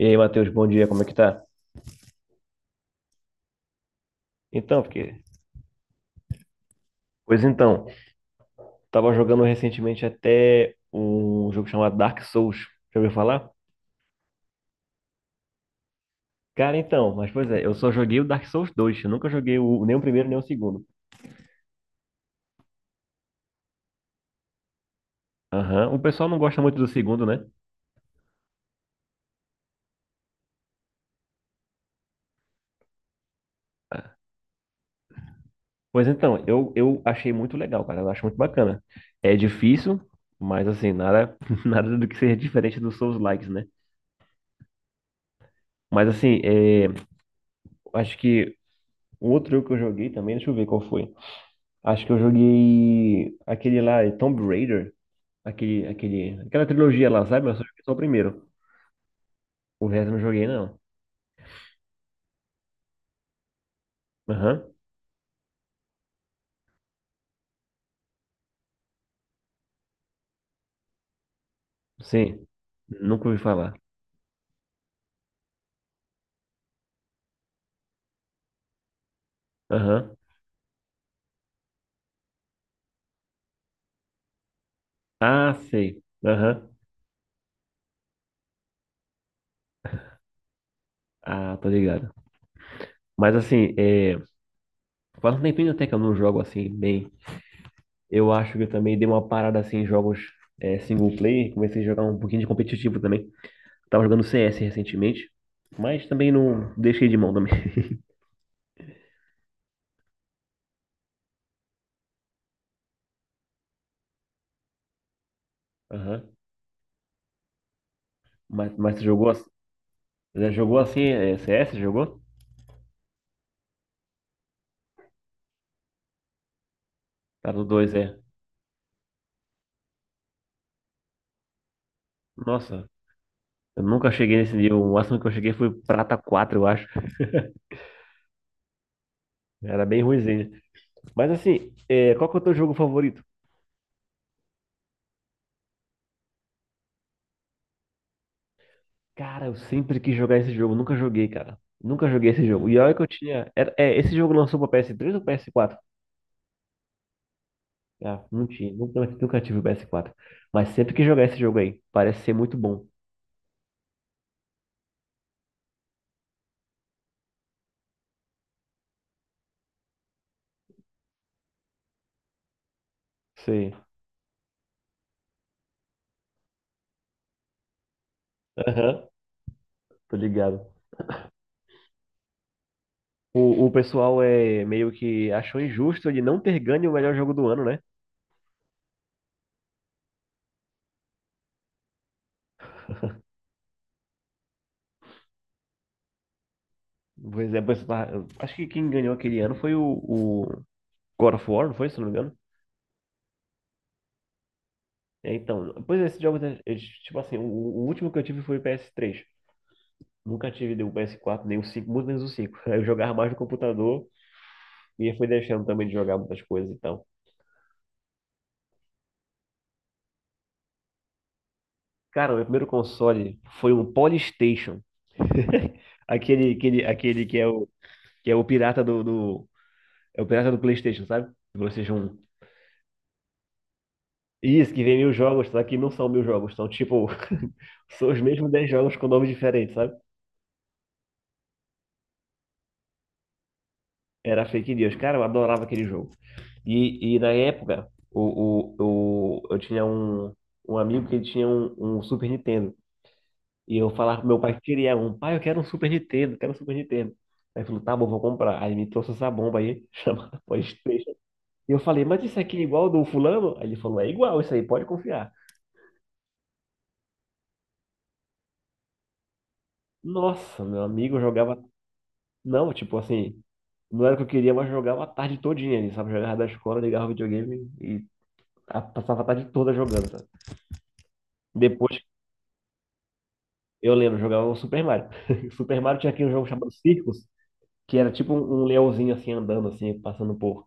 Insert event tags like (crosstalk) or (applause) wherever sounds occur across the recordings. E aí, Matheus, bom dia, como é que tá? Então, porque. Pois então, tava jogando recentemente até um jogo chamado Dark Souls. Já ouviu falar? Cara, então, mas pois é, eu só joguei o Dark Souls dois. Eu nunca joguei nem o primeiro nem o segundo. Aham, o pessoal não gosta muito do segundo, né? Pois então, eu achei muito legal, cara, eu acho muito bacana. É difícil, mas assim, nada, (laughs) nada do que seja diferente dos Souls-likes, né? Mas assim, acho que o outro jogo que eu joguei também, deixa eu ver qual foi. Acho que eu joguei aquele lá, Tomb Raider, aquela trilogia lá, sabe? Mas eu joguei só o primeiro. O resto eu não joguei, não. Aham. Sim. Nunca ouvi falar. Aham. Ah, sei. Aham. Ah, tô ligado. Mas assim, faz um tempinho até que eu não jogo assim bem. Eu acho que eu também dei uma parada assim em jogos single player. Comecei a jogar um pouquinho de competitivo também. Tava jogando CS recentemente, mas também não deixei de mão também. (laughs) Aham. Mas você jogou? Já jogou assim, C S jogou? Prata dois é. Nossa, eu nunca cheguei nesse nível. O máximo que eu cheguei foi Prata 4 eu acho. Era bem ruimzinho. Mas assim, qual que é o teu jogo favorito? Cara, eu sempre quis jogar esse jogo. Nunca joguei, cara. Nunca joguei esse jogo. E olha que eu tinha. Esse jogo lançou pra PS3 ou PS4? Ah, não tinha. Nunca tive o PS4. Mas sempre quis jogar esse jogo aí. Parece ser muito bom. Sei. Aham, tô ligado. O pessoal é meio que achou injusto ele não ter ganho o melhor jogo do ano, né? Pois é, acho que quem ganhou aquele ano foi o God of War, não foi, se não me engano? É, então, pois é, esses jogos, né, tipo assim, o último que eu tive foi o PS3. Nunca tive nem o PS4, nem o 5, muito menos o 5. (laughs) Eu jogava mais no computador e fui deixando também de jogar muitas coisas e tal. Cara, o meu primeiro console foi um Polystation. (laughs) Aquele, aquele, aquele que é o pirata do, é o pirata do PlayStation, sabe? Do PlayStation 1. Isso, que vem 1.000 jogos, só que não são 1.000 jogos, são tipo, (laughs) são os mesmos 10 jogos com nomes diferentes, sabe? Era fake news. Cara, eu adorava aquele jogo. E na época, eu tinha um amigo que ele tinha um Super Nintendo. E eu falava pro meu pai que queria um. Pai, eu quero um Super Nintendo, quero um Super Nintendo. Aí ele falou, tá bom, vou comprar. Aí ele me trouxe essa bomba aí, (laughs) chamada PlayStation. E eu falei, mas isso aqui é igual ao do fulano? Aí ele falou, é igual isso aí, pode confiar. Nossa, meu amigo, eu jogava. Não, tipo assim, não era o que eu queria, mas jogava a tarde todinha ali, sabe? Jogava da escola, ligava o videogame e passava a tarde toda jogando, sabe? Depois, eu lembro, jogava o Super Mario. (laughs) Super Mario tinha aquele jogo chamado Circus, que era tipo um, um leãozinho assim andando, assim, passando por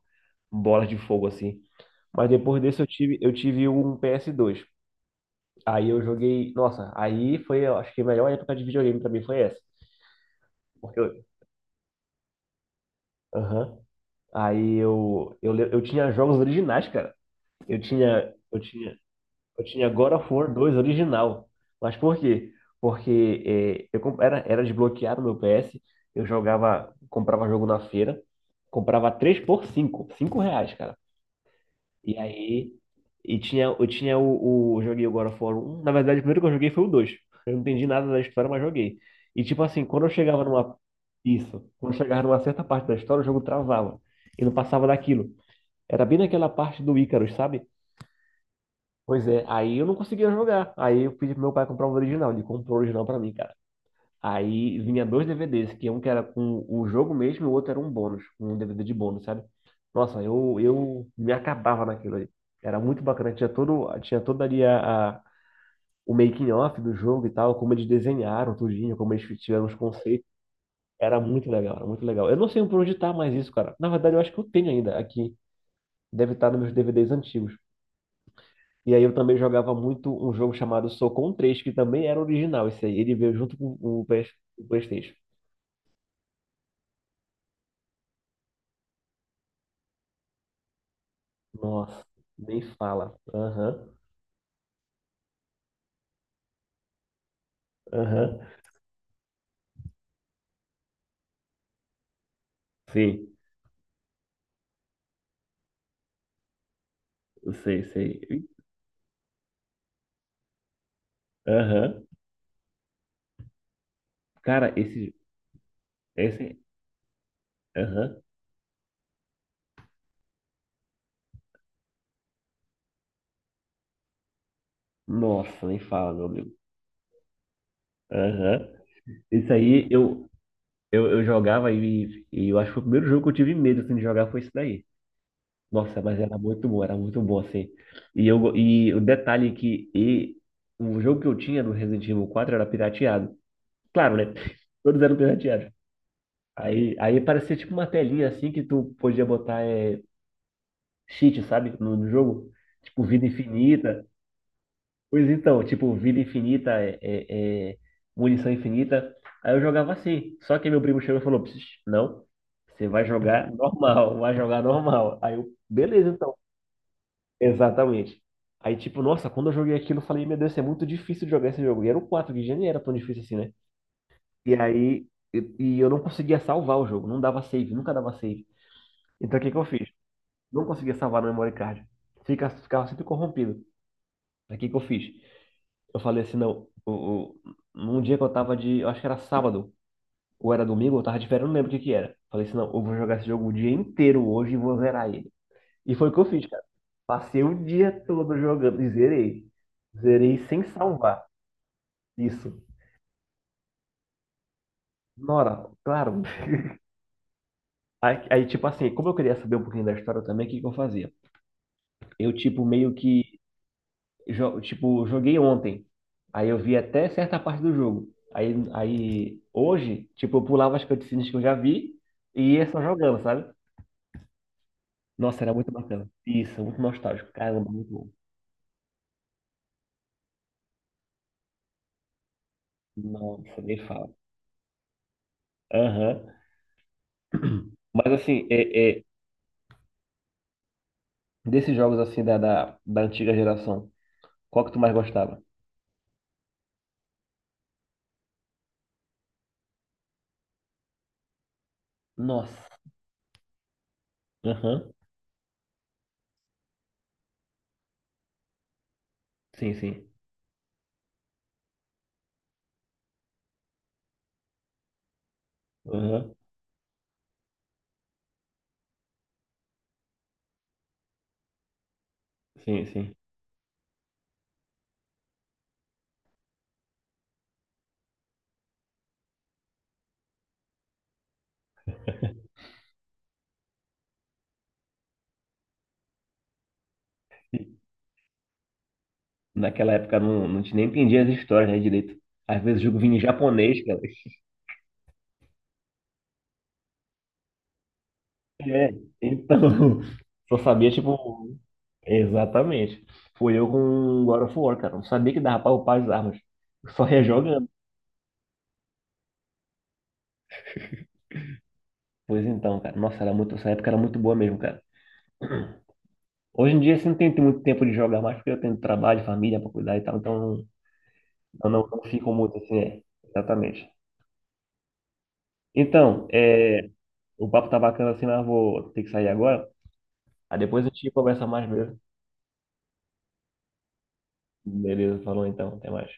bolas de fogo, assim. Mas depois desse eu tive um PS2. Aí eu joguei, nossa, aí foi, eu acho que a melhor época de videogame pra mim foi essa. Porque eu, aham. Aí eu tinha jogos originais, cara. Eu tinha, eu tinha Eu tinha God of War 2 original. Mas por quê? Porque era desbloqueado meu PS, eu jogava, comprava jogo na feira, comprava 3 por 5, 5 reais, cara. E aí, e tinha, eu joguei o God of War 1, na verdade o primeiro que eu joguei foi o 2. Eu não entendi nada da história, mas joguei. E tipo assim, quando eu chegava numa, isso, quando eu chegava numa certa parte da história, o jogo travava. E não passava daquilo. Era bem naquela parte do Icarus, sabe? Pois é, aí eu não conseguia jogar. Aí eu pedi pro meu pai comprar o original. Ele comprou o original pra mim, cara. Aí vinha dois DVDs, que um que era com o jogo mesmo e o outro era um bônus, um DVD de bônus, sabe? Nossa, eu me acabava naquilo ali. Era muito bacana, tinha toda ali o making of do jogo e tal, como eles desenharam tudinho, como eles tiveram os conceitos. Era muito legal, era muito legal. Eu não sei por onde tá mais isso, cara. Na verdade, eu acho que eu tenho ainda aqui. Deve estar nos meus DVDs antigos. E aí eu também jogava muito um jogo chamado Socon 3, que também era original esse aí. Ele veio junto com o PlayStation. Nossa, nem fala. Aham, aham. Sei, sei, sei. Aham. Cara, esse. Esse. Aham. Nossa, nem fala, meu amigo. Aham. Esse aí eu jogava e eu acho que o primeiro jogo que eu tive medo assim, de jogar foi esse daí. Nossa, mas era muito bom, assim. E o detalhe é que o jogo que eu tinha do Resident Evil 4 era pirateado. Claro, né? (laughs) Todos eram pirateados. Aí, parecia tipo uma telinha, assim, que tu podia botar cheat, sabe? No jogo. Tipo, vida infinita. Pois então, tipo, vida infinita, munição infinita. Aí eu jogava assim. Só que meu primo chegou e falou, "Pss, não, você vai jogar normal, vai jogar normal. Aí eu, beleza, então." Exatamente. Aí, tipo, nossa, quando eu joguei aquilo, eu falei, meu Deus, isso é muito difícil de jogar esse jogo. E era o 4 que já nem era tão difícil assim, né? E aí, e eu não conseguia salvar o jogo, não dava save, nunca dava save. Então, o que que eu fiz? Não conseguia salvar no memory card. Ficava sempre corrompido. Aí, o que que eu fiz? Eu falei assim, não, o, num dia que eu tava de, eu acho que era sábado, ou era domingo, eu tava de férias, eu não lembro o que que era. Falei assim, não, eu vou jogar esse jogo o dia inteiro hoje e vou zerar ele. E foi o que eu fiz, cara. Passei o dia todo jogando e zerei. Zerei sem salvar. Isso. Nora, claro. Aí, tipo assim, como eu queria saber um pouquinho da história também, o que que eu fazia? Eu, tipo, meio que. Tipo, joguei ontem. Aí eu vi até certa parte do jogo. Aí, hoje, tipo, eu pulava as cutscenes que eu já vi e ia só jogando, sabe? Nossa, era muito bacana. Isso, muito nostálgico. Caramba, muito bom. Nossa, nem fala. Aham. Mas assim, desses jogos assim da antiga geração, qual que tu mais gostava? Nossa. Aham. Sim, sim. Aham. Sim, sim. Naquela época não, não te nem entendia as histórias, né, direito. Às vezes o jogo vinha em japonês, cara. É. Então, (laughs) só sabia, tipo, exatamente. Foi eu com God of War, cara. Não sabia que dava pra upar as armas. Só ia jogando. Pois então, cara. Nossa, era muito, essa época era muito boa mesmo, cara. Hoje em dia, assim, não tem muito tempo de jogar mais, porque eu tenho trabalho, família pra cuidar e tal. Então, não, não, não ficam muito assim, é. Exatamente. Então, o papo tá bacana assim, mas eu vou ter que sair agora. Aí depois a gente conversa mais mesmo. Beleza, falou então, até mais.